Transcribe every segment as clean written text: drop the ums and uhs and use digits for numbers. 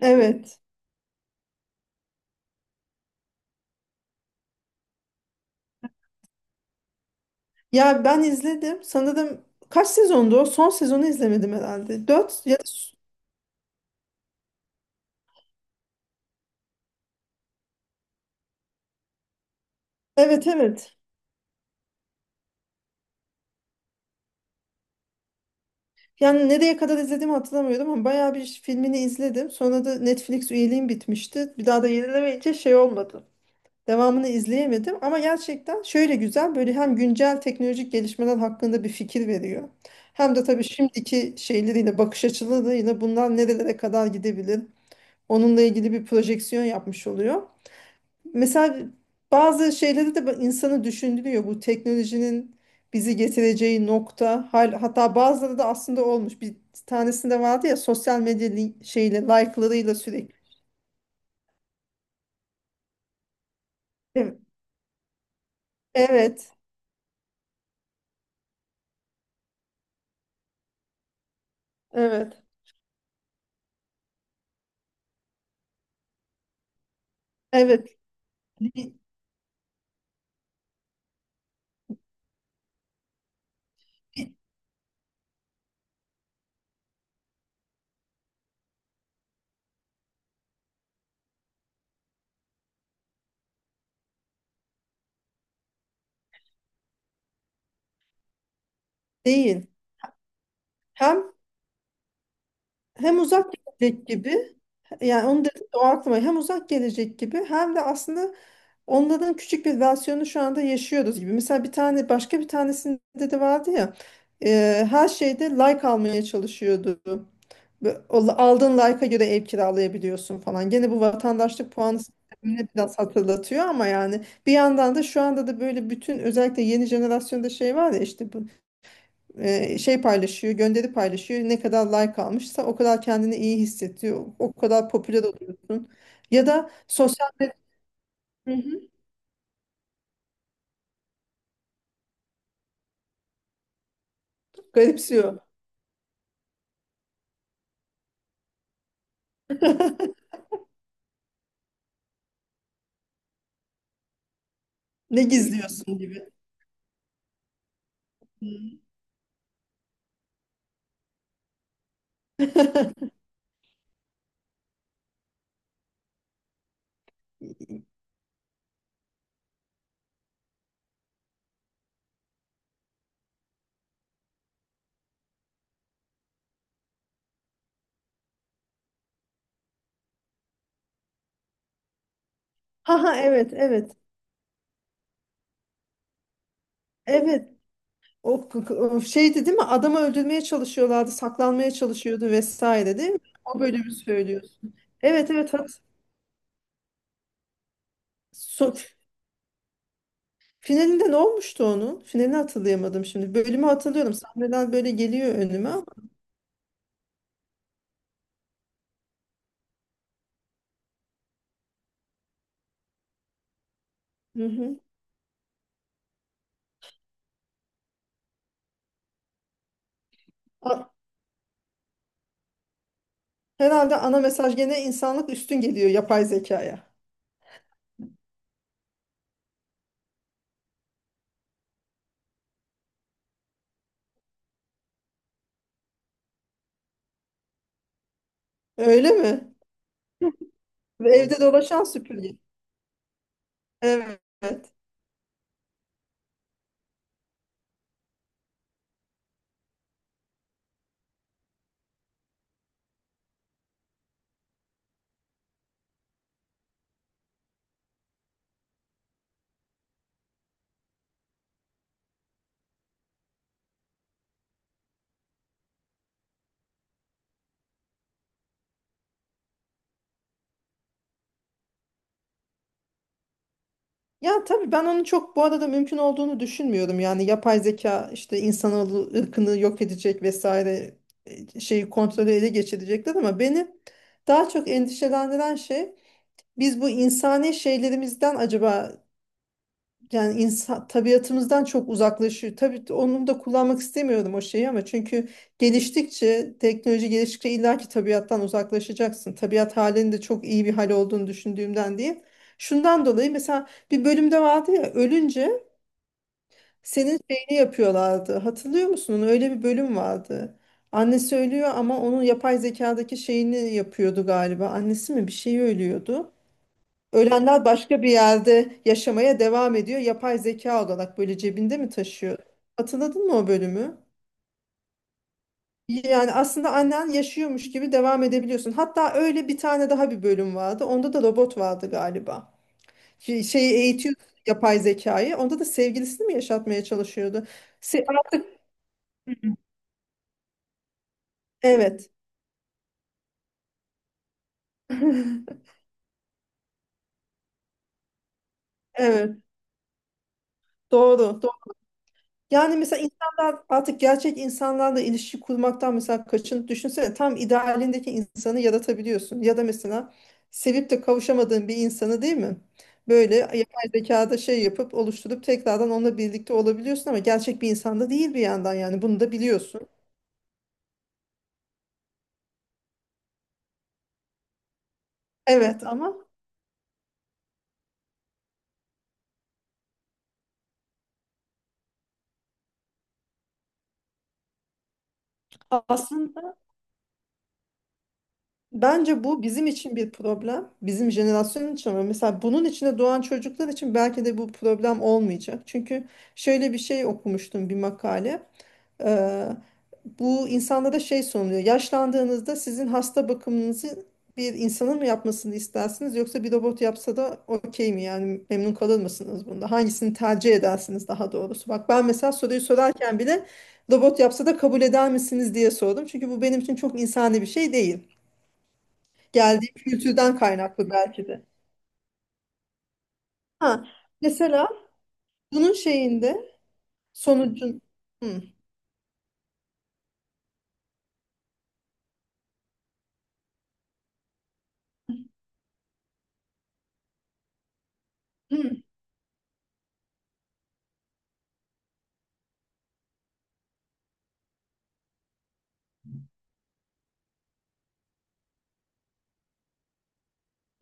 Evet. Ya ben izledim. Sanırım kaç sezondu o? Son sezonu izlemedim herhalde. Dört ya da... Evet evet. Yani nereye kadar izlediğimi hatırlamıyorum ama bayağı bir filmini izledim. Sonra da Netflix üyeliğim bitmişti. Bir daha da yenilemeyince şey olmadı. Devamını izleyemedim ama gerçekten şöyle güzel böyle hem güncel teknolojik gelişmeler hakkında bir fikir veriyor. Hem de tabii şimdiki şeyleriyle bakış açılarıyla bunlar nerelere kadar gidebilir. Onunla ilgili bir projeksiyon yapmış oluyor. Mesela bazı şeyleri de insanı düşündürüyor. Bu teknolojinin bizi getireceği nokta. Hatta bazıları da aslında olmuş. Bir tanesinde vardı ya sosyal medya şeyle like'larıyla sürekli. Evet. Evet. Evet. Evet. Li- Değil. Hem hem uzak gelecek gibi yani onu dedim de o aklıma hem uzak gelecek gibi hem de aslında onların küçük bir versiyonu şu anda yaşıyoruz gibi. Mesela bir tane başka bir tanesinde de vardı ya her şeyde like almaya çalışıyordu. Ve o aldığın like'a göre ev kiralayabiliyorsun falan. Gene bu vatandaşlık puanı sistemini biraz hatırlatıyor ama yani bir yandan da şu anda da böyle bütün özellikle yeni jenerasyonda şey var ya işte bu şey paylaşıyor, gönderi paylaşıyor. Ne kadar like almışsa o kadar kendini iyi hissediyor. O kadar popüler oluyorsun. Ya da sosyal medya. Hı hı. Garipsiyor. Ne gizliyorsun gibi. Hı. Ha ha, evet evet. Evet. O, o şeydi değil mi? Adamı öldürmeye çalışıyorlardı, saklanmaya çalışıyordu vesaire değil mi? O bölümü söylüyorsun. Evet evet. Hat so- Finalinde ne olmuştu onun? Finalini hatırlayamadım şimdi. Bölümü hatırlıyorum. Sahneler böyle geliyor önüme ama. Hı hı. A- Herhalde ana mesaj gene insanlık üstün geliyor yapay zekaya. Öyle mi? Ve evet, evde dolaşan süpürge. Evet. Ya tabii ben onu çok bu arada mümkün olduğunu düşünmüyorum. Yani yapay zeka işte insanoğlu ırkını yok edecek vesaire şeyi kontrolü ele geçirecekler ama beni daha çok endişelendiren şey biz bu insani şeylerimizden acaba yani insan tabiatımızdan çok uzaklaşıyor. Tabii onu da kullanmak istemiyorum o şeyi ama çünkü geliştikçe, teknoloji geliştikçe illaki tabiattan uzaklaşacaksın. Tabiat halinin de çok iyi bir hal olduğunu düşündüğümden değil. Şundan dolayı mesela bir bölümde vardı ya ölünce senin şeyini yapıyorlardı. Hatırlıyor musun onu? Öyle bir bölüm vardı. Annesi ölüyor ama onun yapay zekadaki şeyini yapıyordu galiba. Annesi mi bir şeyi ölüyordu. Ölenler başka bir yerde yaşamaya devam ediyor. Yapay zeka olarak böyle cebinde mi taşıyor? Hatırladın mı o bölümü? Yani aslında annen yaşıyormuş gibi devam edebiliyorsun. Hatta öyle bir tane daha bir bölüm vardı. Onda da robot vardı galiba. Şeyi eğitiyor yapay zekayı. Onda da sevgilisini mi yaşatmaya çalışıyordu? Se- artık evet. Evet. Doğru. Yani mesela insanlar artık gerçek insanlarla ilişki kurmaktan mesela kaçın, düşünsene tam idealindeki insanı yaratabiliyorsun. Ya da mesela sevip de kavuşamadığın bir insanı, değil mi? Böyle yapay zekada şey yapıp oluşturup tekrardan onunla birlikte olabiliyorsun ama gerçek bir insanda değil bir yandan yani bunu da biliyorsun. Evet ama aslında bence bu bizim için bir problem. Bizim jenerasyon için ama mesela bunun içinde doğan çocuklar için belki de bu problem olmayacak. Çünkü şöyle bir şey okumuştum, bir makale. Eee, bu insanlara şey sunuluyor. Yaşlandığınızda sizin hasta bakımınızı bir insanın mı yapmasını istersiniz yoksa bir robot yapsa da okey mi? Yani memnun kalır mısınız bunda? Hangisini tercih edersiniz daha doğrusu? Bak ben mesela soruyu sorarken bile robot yapsa da kabul eder misiniz diye sordum. Çünkü bu benim için çok insani bir şey değil. Geldiğim kültürden kaynaklı belki de. Ha, mesela bunun şeyinde sonucun. Hı, hı.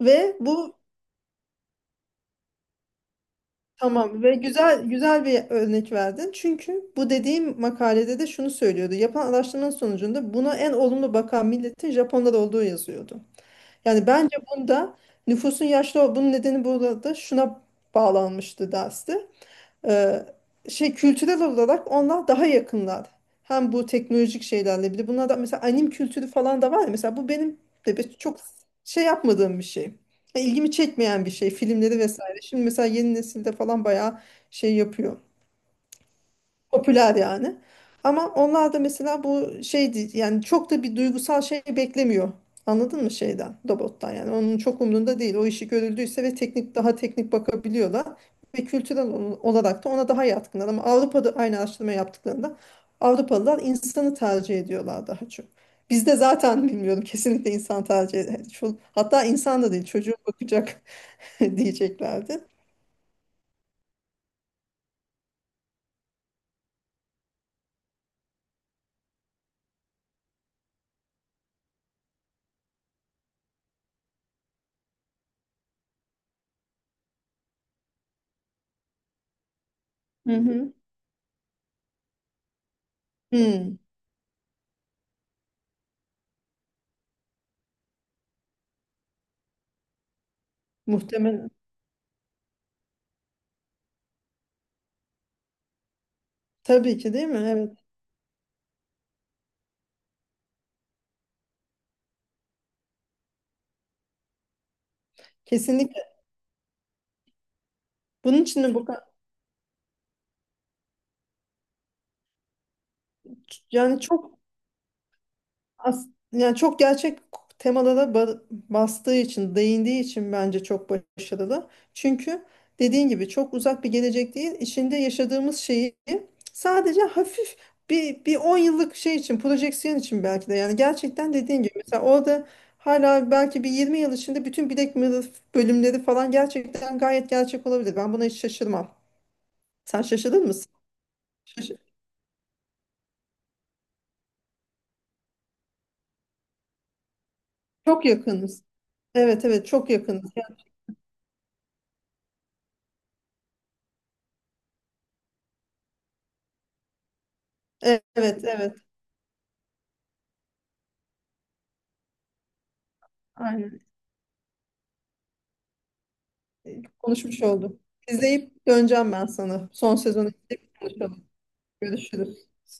Ve bu. Tamam ve güzel güzel bir örnek verdin. Çünkü bu dediğim makalede de şunu söylüyordu. Yapılan araştırmanın sonucunda buna en olumlu bakan milletin Japonlar olduğu yazıyordu. Yani bence bunda nüfusun yaşlı, bunun nedeni burada şuna bağlanmıştı derste, e, şey, kültürel olarak onlar daha yakınlar. Hem bu teknolojik şeylerle bir de bunlar da mesela anim kültürü falan da var ya mesela bu benim de çok şey yapmadığım bir şey. Ya ilgimi çekmeyen bir şey filmleri vesaire. Şimdi mesela yeni nesilde falan bayağı şey yapıyor. Popüler yani. Ama onlar da mesela bu şeydi yani çok da bir duygusal şey beklemiyor. Anladın mı şeyden, robottan yani. Onun çok umrunda değil. O işi görüldüyse ve teknik, daha teknik bakabiliyorlar. Ve kültürel olarak da ona daha yatkınlar. Ama Avrupa'da aynı araştırma yaptıklarında Avrupalılar insanı tercih ediyorlar daha çok. Bizde zaten bilmiyorum, kesinlikle insan tercih ediyor. Hatta insan da değil, çocuğu bakacak diyeceklerdi. Hı hı. Hmm, muhtemelen. Tabii ki, değil mi? Evet. Kesinlikle. Bunun için de bu ka- yani çok, yani çok gerçek temada da bastığı için, değindiği için bence çok başarılı. Çünkü dediğin gibi çok uzak bir gelecek değil. İçinde yaşadığımız şeyi sadece hafif bir 10 yıllık şey için, projeksiyon için belki de. Yani gerçekten dediğin gibi mesela orada hala belki bir 20 yıl içinde bütün Black Mirror bölümleri falan gerçekten gayet gerçek olabilir. Ben buna hiç şaşırmam. Sen şaşırdın mısın? Şaş- çok yakınız. Evet evet çok yakınız. Yani, evet evet. Aynen. Konuşmuş olduk. İzleyip döneceğim ben sana. Son sezonu izleyip konuşalım. Görüşürüz. Sağ ol.